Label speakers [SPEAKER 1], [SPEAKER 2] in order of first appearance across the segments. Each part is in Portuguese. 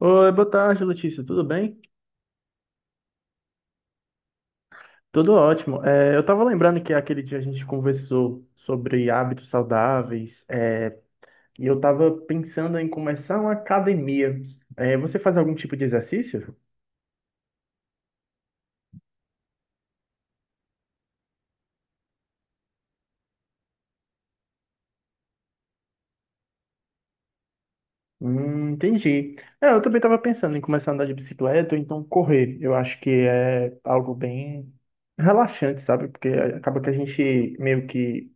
[SPEAKER 1] Oi, boa tarde, Letícia. Tudo bem? Tudo ótimo. Eu estava lembrando que aquele dia a gente conversou sobre hábitos saudáveis, e eu estava pensando em começar uma academia. Você faz algum tipo de exercício? Entendi. Eu também estava pensando em começar a andar de bicicleta ou então correr. Eu acho que é algo bem relaxante, sabe? Porque acaba que a gente meio que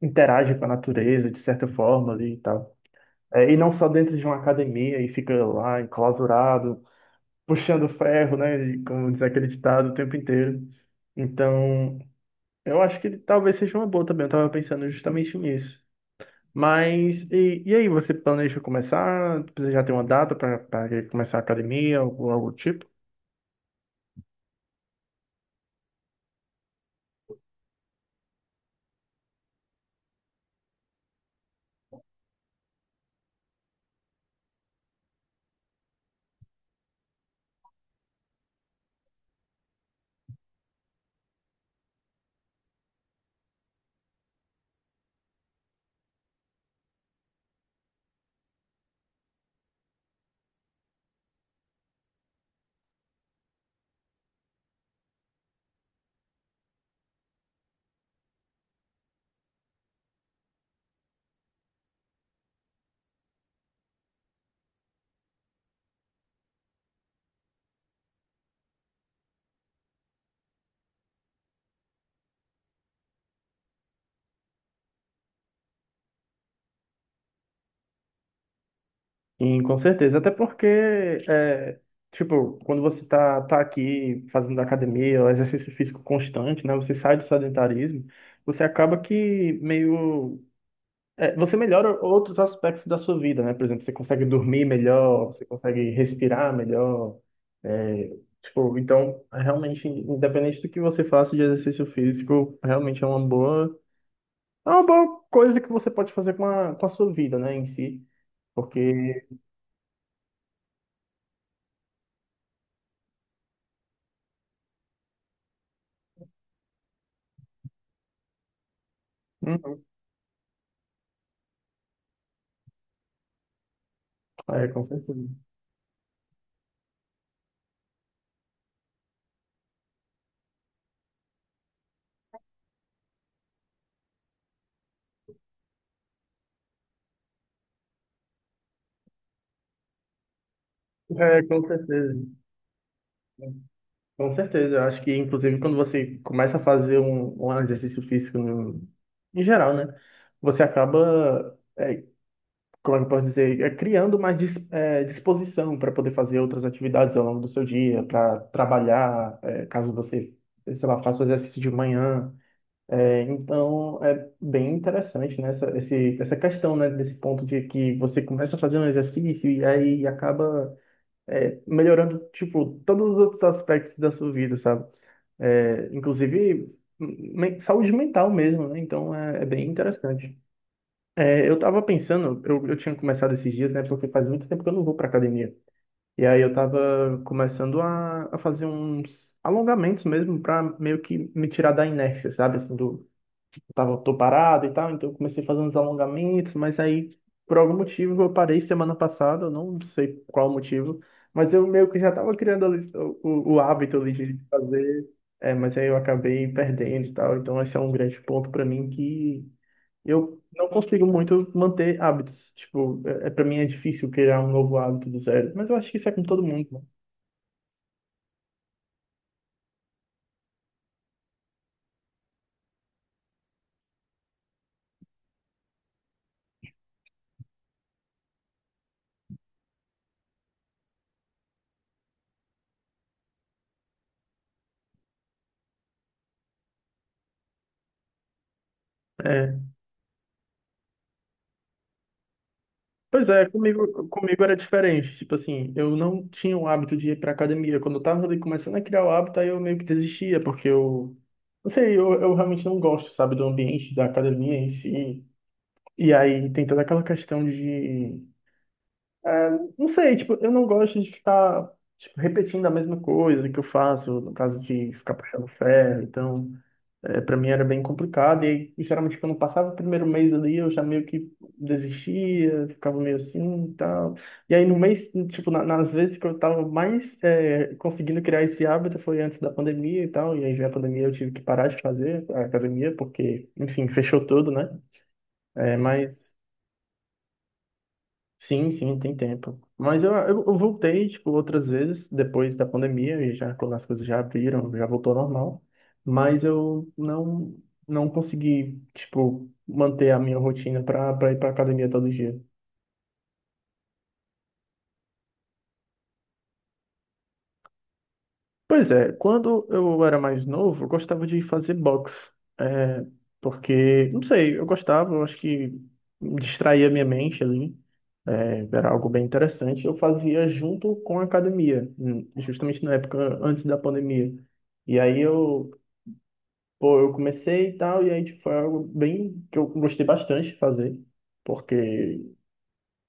[SPEAKER 1] interage com a natureza de certa forma ali e tal. E não só dentro de uma academia e fica lá enclausurado, puxando ferro, né? Como diz aquele ditado o tempo inteiro. Então, eu acho que talvez seja uma boa também. Eu tava pensando justamente nisso. Mas, e aí, você planeja começar? Você já tem uma data para começar a academia ou algo do tipo? Sim, com certeza. Até porque, é, tipo, quando você tá aqui fazendo academia, o exercício físico constante, né? Você sai do sedentarismo, você acaba que meio você melhora outros aspectos da sua vida, né? Por exemplo, você consegue dormir melhor, você consegue respirar melhor. é, então, realmente, independente do que você faça de exercício físico, realmente é é uma boa coisa que você pode fazer com com a sua vida, né, em si. Porque, Uhum. Com certeza. Com certeza. Com certeza. Eu acho que, inclusive, quando você começa a fazer um exercício físico em geral, né? Você acaba como é que eu posso dizer, criando mais disposição para poder fazer outras atividades ao longo do seu dia, para trabalhar, caso você, sei lá, faça o exercício de manhã. Então, é bem interessante, né, essa questão, né, desse ponto de que você começa a fazer um exercício e aí acaba melhorando, tipo, todos os outros aspectos da sua vida, sabe? Inclusive, saúde mental mesmo, né? Então, é bem interessante. Eu tava pensando, eu tinha começado esses dias, né? Porque faz muito tempo que eu não vou pra academia. E aí eu tava começando a fazer uns alongamentos mesmo pra meio que me tirar da inércia, sabe? Assim, tô parado e tal, então eu comecei a fazer uns alongamentos, mas aí por algum motivo eu parei semana passada, eu não sei qual motivo, mas eu meio que já tava criando ali o hábito ali de fazer, mas aí eu acabei perdendo e tal, então esse é um grande ponto pra mim que eu não consigo muito manter hábitos. Tipo, pra mim é difícil criar um novo hábito do zero. Mas eu acho que isso é com todo mundo, mano. É. Pois é, comigo era diferente. Tipo assim, eu não tinha o hábito de ir pra academia. Quando eu tava ali começando a criar o hábito, aí eu meio que desistia, porque eu. Não sei, eu realmente não gosto, sabe, do ambiente da academia em si. E aí tem toda aquela questão de. é, não sei, tipo, eu não gosto de ficar. Tipo, repetindo a mesma coisa que eu faço, no caso de ficar puxando ferro, então. Para mim era bem complicado e geralmente quando passava o primeiro mês ali eu já meio que desistia, ficava meio assim e tal. E aí no mês, tipo, nas vezes que eu tava mais conseguindo criar esse hábito foi antes da pandemia e tal, e aí veio a pandemia eu tive que parar de fazer a academia porque, enfim, fechou tudo, né? Mas sim, sim, tem tempo. Mas eu voltei, tipo, outras vezes, depois da pandemia, e já quando as coisas já abriram, já voltou ao normal. Mas eu não, não consegui, tipo, manter a minha rotina para ir para academia todo dia. Pois é, quando eu era mais novo, eu gostava de fazer boxe. É, Porque, não sei, eu gostava, eu acho que distraía minha mente ali. Era algo bem interessante. Eu fazia junto com a academia, justamente na época antes da pandemia. E aí eu, pô, eu comecei e tal, e aí tipo, foi algo bem que eu gostei bastante de fazer, porque,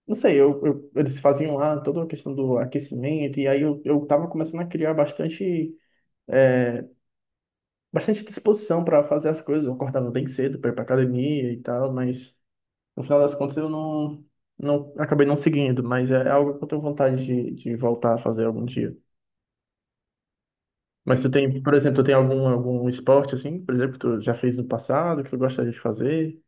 [SPEAKER 1] não sei, eles faziam lá toda a questão do aquecimento, e aí eu tava começando a criar bastante é, bastante disposição para fazer as coisas. Eu acordava bem cedo para ir para academia e tal, mas no final das contas eu não, não acabei não seguindo. Mas é algo que eu tenho vontade de voltar a fazer algum dia. Mas tu tem, por exemplo, tu tem algum esporte assim, por exemplo, que tu já fez no passado, que tu gostaria de fazer?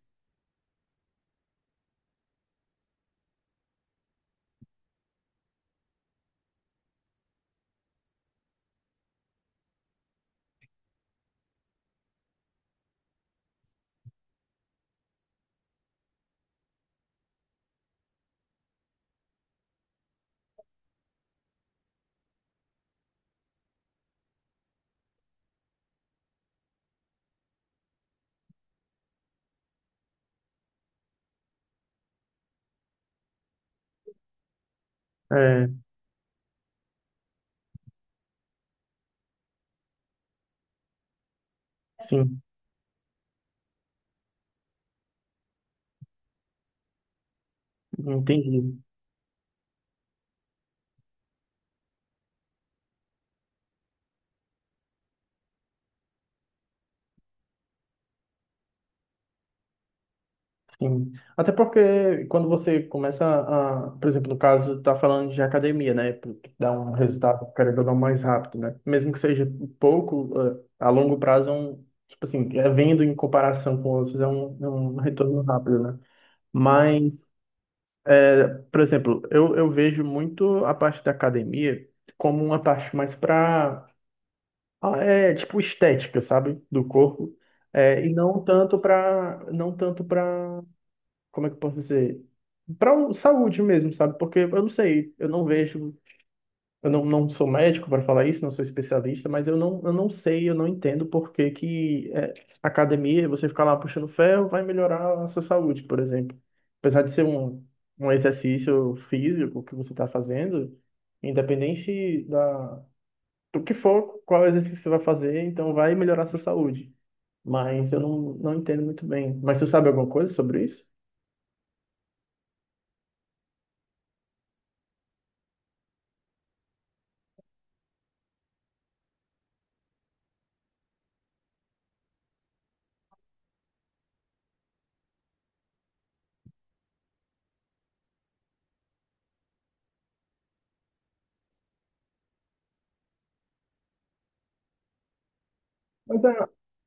[SPEAKER 1] É, sim, entendi. Sim. Até porque quando você começa a, por exemplo, no caso, tá falando de academia, né? Porque dá um resultado, querendo ou não, mais rápido, né? Mesmo que seja pouco, a longo prazo, tipo assim, é vendo em comparação com outros, é um retorno rápido, né? Mas, por exemplo, eu vejo muito a parte da academia como uma parte mais para, tipo, estética, sabe? Do corpo. E não tanto para, não tanto para como é que eu posso dizer? Para saúde mesmo, sabe? Porque eu não sei, eu não vejo, eu não, não sou médico para falar isso, não sou especialista, mas eu não sei, eu não entendo por que que academia, você ficar lá puxando ferro, vai melhorar a sua saúde, por exemplo. Apesar de ser um exercício físico que você está fazendo, independente do que for, qual exercício você vai fazer, então vai melhorar a sua saúde. Mas eu não, não entendo muito bem. Mas você sabe alguma coisa sobre isso? Mas é,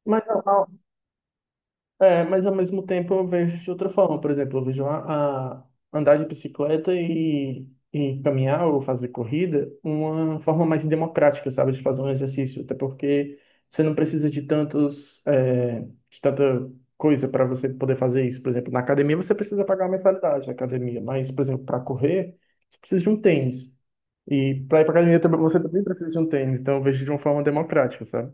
[SPEAKER 1] mas a, É, mas ao mesmo tempo eu vejo de outra forma. Por exemplo, eu vejo a andar de bicicleta e caminhar ou fazer corrida uma forma mais democrática, sabe, de fazer um exercício. Até porque você não precisa de tantos, de tanta coisa para você poder fazer isso. Por exemplo, na academia você precisa pagar uma mensalidade da academia, mas, por exemplo, para correr, você precisa de um tênis. E para ir para academia também- você também precisa de um tênis. Então eu vejo de uma forma democrática, sabe?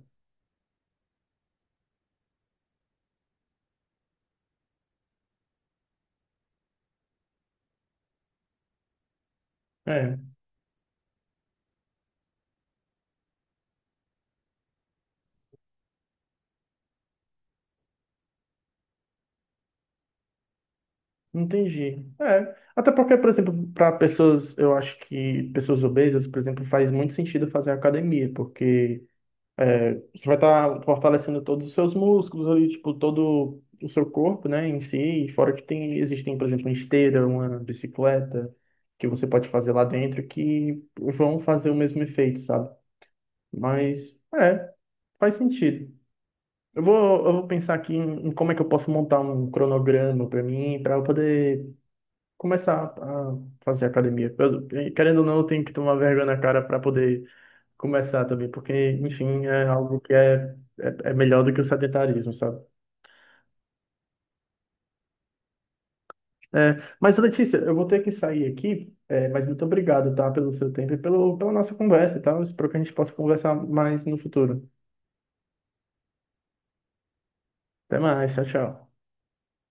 [SPEAKER 1] É, Entendi. É. Até porque, por exemplo, para pessoas, eu acho que pessoas obesas, por exemplo, faz muito sentido fazer academia, porque você vai estar fortalecendo todos os seus músculos ali, tipo, todo o seu corpo, né, em si, e fora que tem, existem, por exemplo, uma esteira, uma bicicleta, que você pode fazer lá dentro, que vão fazer o mesmo efeito, sabe? Mas, é, Faz sentido. Eu vou pensar aqui em como é que eu posso montar um cronograma para mim, para eu poder começar a fazer academia. Querendo ou não, eu tenho que tomar vergonha na cara para poder começar também, porque, enfim, é algo que é melhor do que o sedentarismo, sabe? Mas, Letícia, eu vou ter que sair aqui, mas muito obrigado, tá, pelo seu tempo e pelo, pela nossa conversa, tá? Eu espero que a gente possa conversar mais no futuro. Até mais, tchau, tchau.